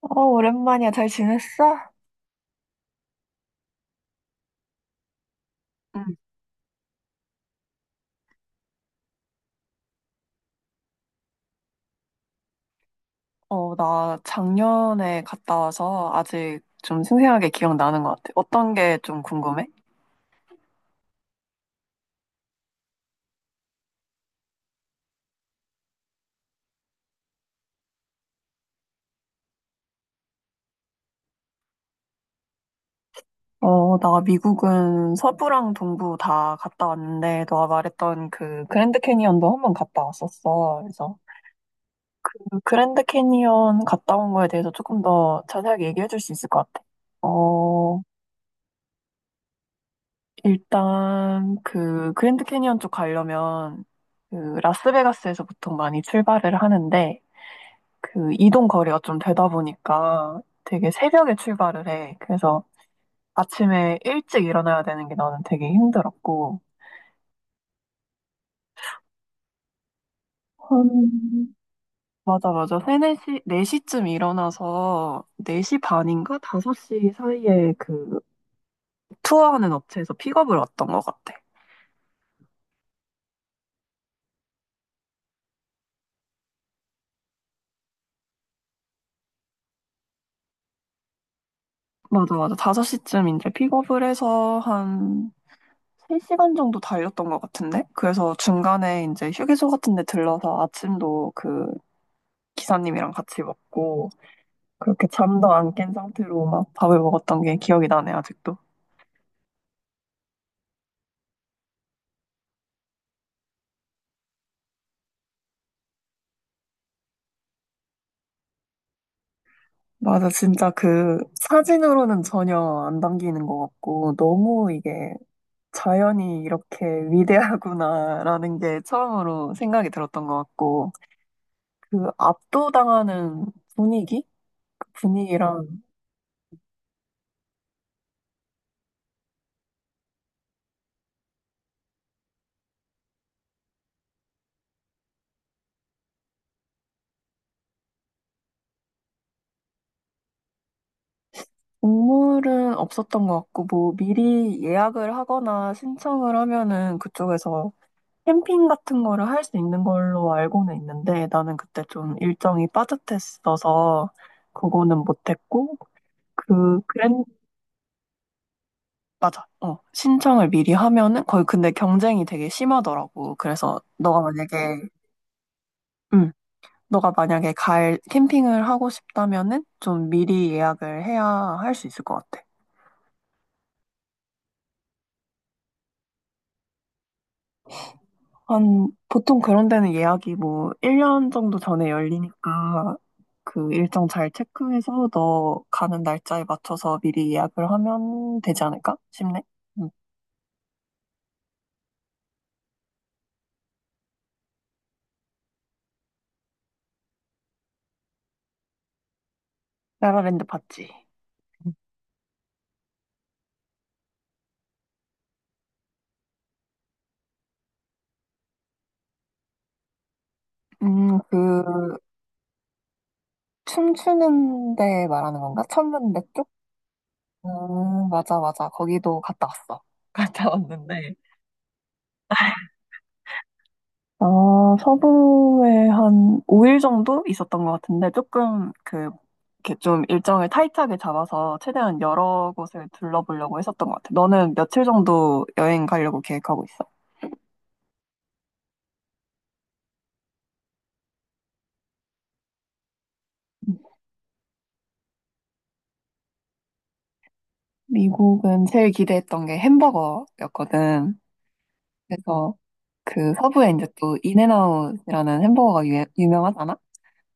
어, 오랜만이야. 잘 지냈어? 응. 어, 나 작년에 갔다 와서 아직 좀 생생하게 기억나는 것 같아. 어떤 게 좀 궁금해? 어, 나 미국은 서부랑 동부 다 갔다 왔는데, 너가 말했던 그 그랜드 캐니언도 한번 갔다 왔었어. 그래서 그 그랜드 캐니언 갔다 온 거에 대해서 조금 더 자세하게 얘기해 줄 수 있을 것 같아. 어, 일단 그 그랜드 캐니언 쪽 가려면 그 라스베가스에서 보통 많이 출발을 하는데, 그 이동 거리가 좀 되다 보니까 되게 새벽에 출발을 해. 그래서 아침에 일찍 일어나야 되는 게 나는 되게 힘들었고. 한, 맞아, 맞아. 3, 4시, 네 시쯤 일어나서 4시 반인가 5시 사이에 그 투어하는 업체에서 픽업을 왔던 것 같아. 맞아, 맞아. 5시쯤 이제 픽업을 해서 한 3시간 정도 달렸던 것 같은데? 그래서 중간에 이제 휴게소 같은 데 들러서 아침도 그 기사님이랑 같이 먹고 그렇게 잠도 안 깬 상태로 막 밥을 먹었던 게 기억이 나네, 아직도. 맞아, 진짜 그 사진으로는 전혀 안 담기는 것 같고, 너무 이게 자연이 이렇게 위대하구나라는 게 처음으로 생각이 들었던 것 같고, 그 압도당하는 분위기? 그 분위기랑 동물은 없었던 것 같고, 뭐 미리 예약을 하거나 신청을 하면은 그쪽에서 캠핑 같은 거를 할 수 있는 걸로 알고는 있는데 나는 그때 좀 일정이 빠듯했어서 그거는 못했고 그 그랜 맞아 어 신청을 미리 하면은 거의 근데 경쟁이 되게 심하더라고 그래서 너가 만약에 음 너가 만약에 갈 캠핑을 하고 싶다면은 좀 미리 예약을 해야 할 수 있을 것 같아. 한, 보통 그런 데는 예약이 뭐, 1년 정도 전에 열리니까, 그 일정 잘 체크해서 너 가는 날짜에 맞춰서 미리 예약을 하면 되지 않을까 싶네. 응. 라라랜드 봤지? 그, 춤추는 데 말하는 건가? 천문대 쪽? 맞아, 맞아. 거기도 갔다 왔어. 갔다 왔는데 아, 서부에 한 5일 정도 있었던 것 같은데, 조금 그, 이렇게 좀 일정을 타이트하게 잡아서 최대한 여러 곳을 둘러보려고 했었던 것 같아. 너는 며칠 정도 여행 가려고 계획하고 있어? 미국은 제일 기대했던 게 햄버거였거든. 그래서 그 서부에 이제 또 인앤아웃이라는 햄버거가 유, 유명하잖아?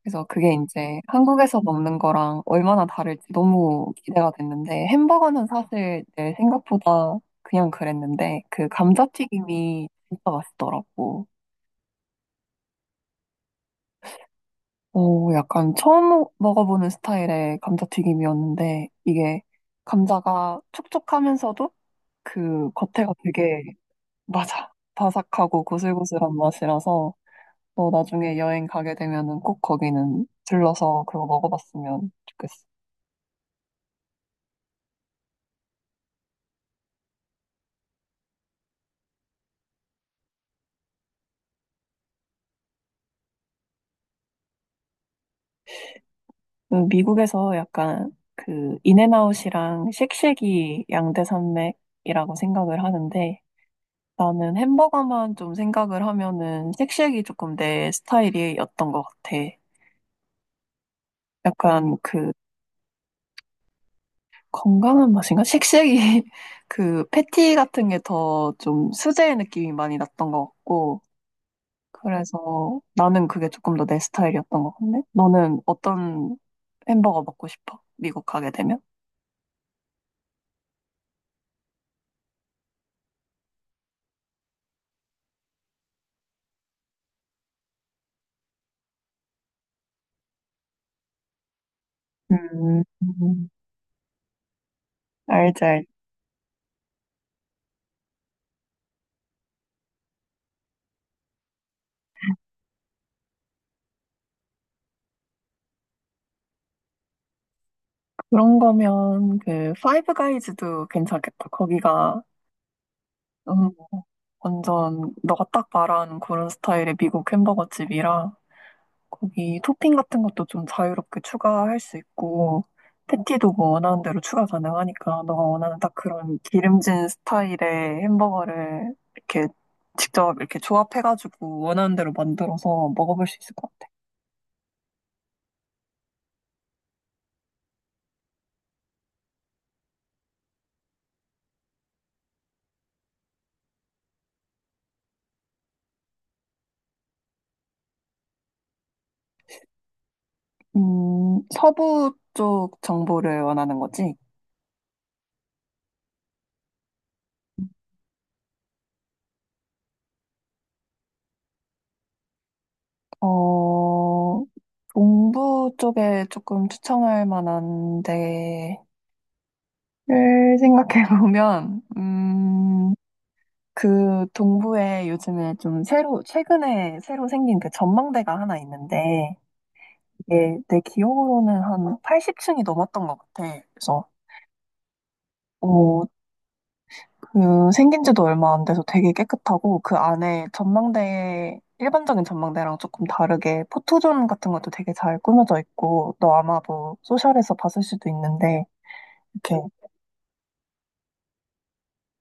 그래서 그게 이제 한국에서 먹는 거랑 얼마나 다를지 너무 기대가 됐는데 햄버거는 사실 내 생각보다 그냥 그랬는데 그 감자튀김이 진짜 맛있더라고. 오, 약간 처음 먹어보는 스타일의 감자튀김이었는데 이게 감자가 촉촉하면서도 그 겉에가 되게 맞아. 바삭하고 고슬고슬한 맛이라서 너 나중에 여행 가게 되면은 꼭 거기는 들러서 그거 먹어봤으면 좋겠어. 미국에서 약간 그 인앤아웃이랑 쉑쉑이 양대 산맥이라고 생각을 하는데 나는 햄버거만 좀 생각을 하면은 쉑쉑이 조금 내 스타일이었던 것 같아. 약간 그 건강한 맛인가? 쉑쉑이 그 패티 같은 게 더 좀 수제 느낌이 많이 났던 것 같고 그래서 나는 그게 조금 더 내 스타일이었던 것 같네. 너는 어떤 햄버거 먹고 싶어? 미국 가게 되면? 음, 음. 알지, 알지. 그런 거면 그 파이브 가이즈도 괜찮겠다. 거기가 음, 완전 너가 딱 말한 그런 스타일의 미국 햄버거 집이라 거기 토핑 같은 것도 좀 자유롭게 추가할 수 있고 패티도 뭐 원하는 대로 추가 가능하니까 너가 원하는 딱 그런 기름진 스타일의 햄버거를 이렇게 직접 이렇게 조합해가지고 원하는 대로 만들어서 먹어볼 수 있을 것 같아. 서부 쪽 정보를 원하는 거지? 어, 동부 쪽에 조금 추천할 만한 데를 생각해 보면, 그 동부에 요즘에 좀 새로, 최근에 새로 생긴 그 전망대가 하나 있는데, 이게 내 기억으로는 한 80층이 넘었던 것 같아. 그래서, 어, 그 생긴 지도 얼마 안 돼서 되게 깨끗하고, 그 안에 전망대, 일반적인 전망대랑 조금 다르게 포토존 같은 것도 되게 잘 꾸며져 있고, 너 아마 뭐 소셜에서 봤을 수도 있는데, 이렇게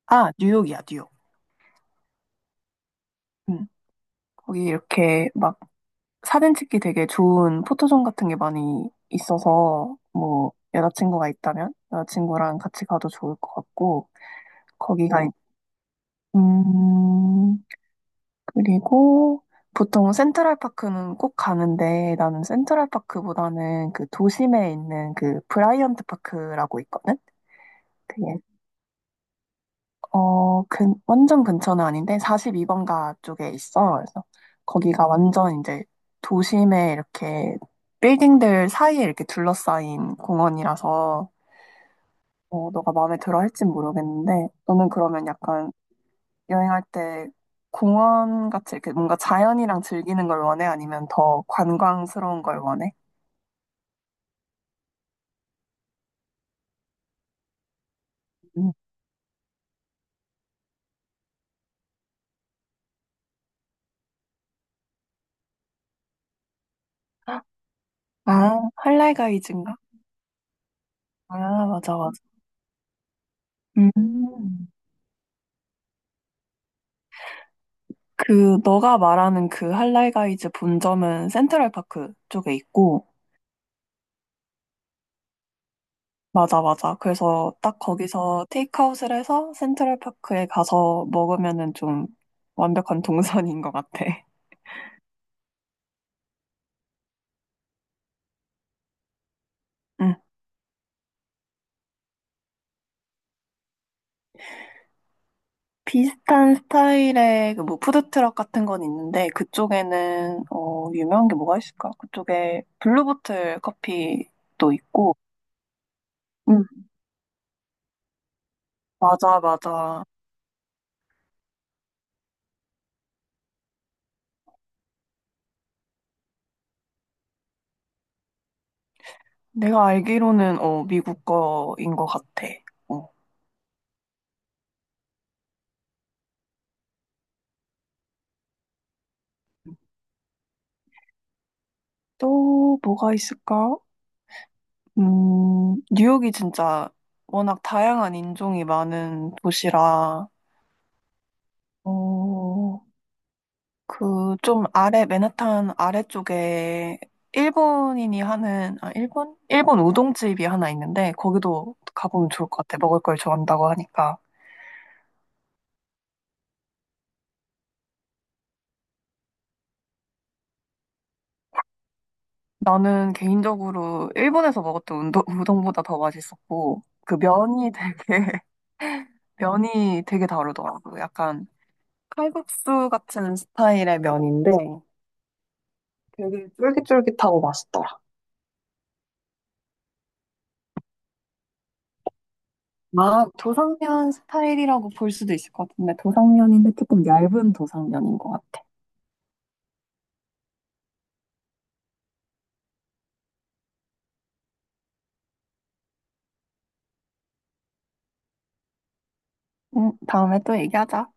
아, 뉴욕이야, 뉴욕. 응. 거기 이렇게 막 사진 찍기 되게 좋은 포토존 같은 게 많이 있어서 뭐 여자친구가 있다면 여자친구랑 같이 가도 좋을 것 같고 거기가 있- 음 그리고 보통 센트럴파크는 꼭 가는데 나는 센트럴파크보다는 그 도심에 있는 그 브라이언트 파크라고 있거든. 어, 완전 근처는 아닌데 42번가 쪽에 있어. 그래서 거기가 완전 이제 도심에 이렇게 빌딩들 사이에 이렇게 둘러싸인 공원이라서 어, 너가 마음에 들어 할진 모르겠는데 너는 그러면 약간 여행할 때 공원 같이 이렇게 뭔가 자연이랑 즐기는 걸 원해? 아니면 더 관광스러운 걸 원해? 음. 아, 할라이가이즈인가? 아, 맞아, 맞아. 음. 그 너가 말하는 그 할라이가이즈 본점은 센트럴파크 쪽에 있고 맞아 맞아 그래서 딱 거기서 테이크아웃을 해서 센트럴파크에 가서 먹으면은 좀 완벽한 동선인 것 같아. 응. 비슷한 스타일의 그뭐 푸드트럭 같은 건 있는데 그쪽에는 어 유명한 게 뭐가 있을까? 그쪽에 블루보틀 커피도 있고 응. 맞아 맞아 내가 알기로는 어 미국 거인 것 같아. 어. 또 뭐가 있을까? 뉴욕이 진짜 워낙 다양한 인종이 많은 도시라, 어, 그 좀 아래, 맨하탄 아래쪽에 일본인이 하는, 아, 일본? 일본 우동집이 하나 있는데, 거기도 가보면 좋을 것 같아. 먹을 걸 좋아한다고 하니까. 나는 개인적으로 일본에서 먹었던 우동보다 더 맛있었고, 그 면이 되게, 면이 되게 다르더라고. 약간 칼국수 같은 스타일의 면인데 되게 쫄깃쫄깃하고 맛있더라. 아, 도상면 스타일이라고 볼 수도 있을 것 같은데 도상면인데 조금 얇은 도상면인 것 같아. 다음에 또 얘기하자.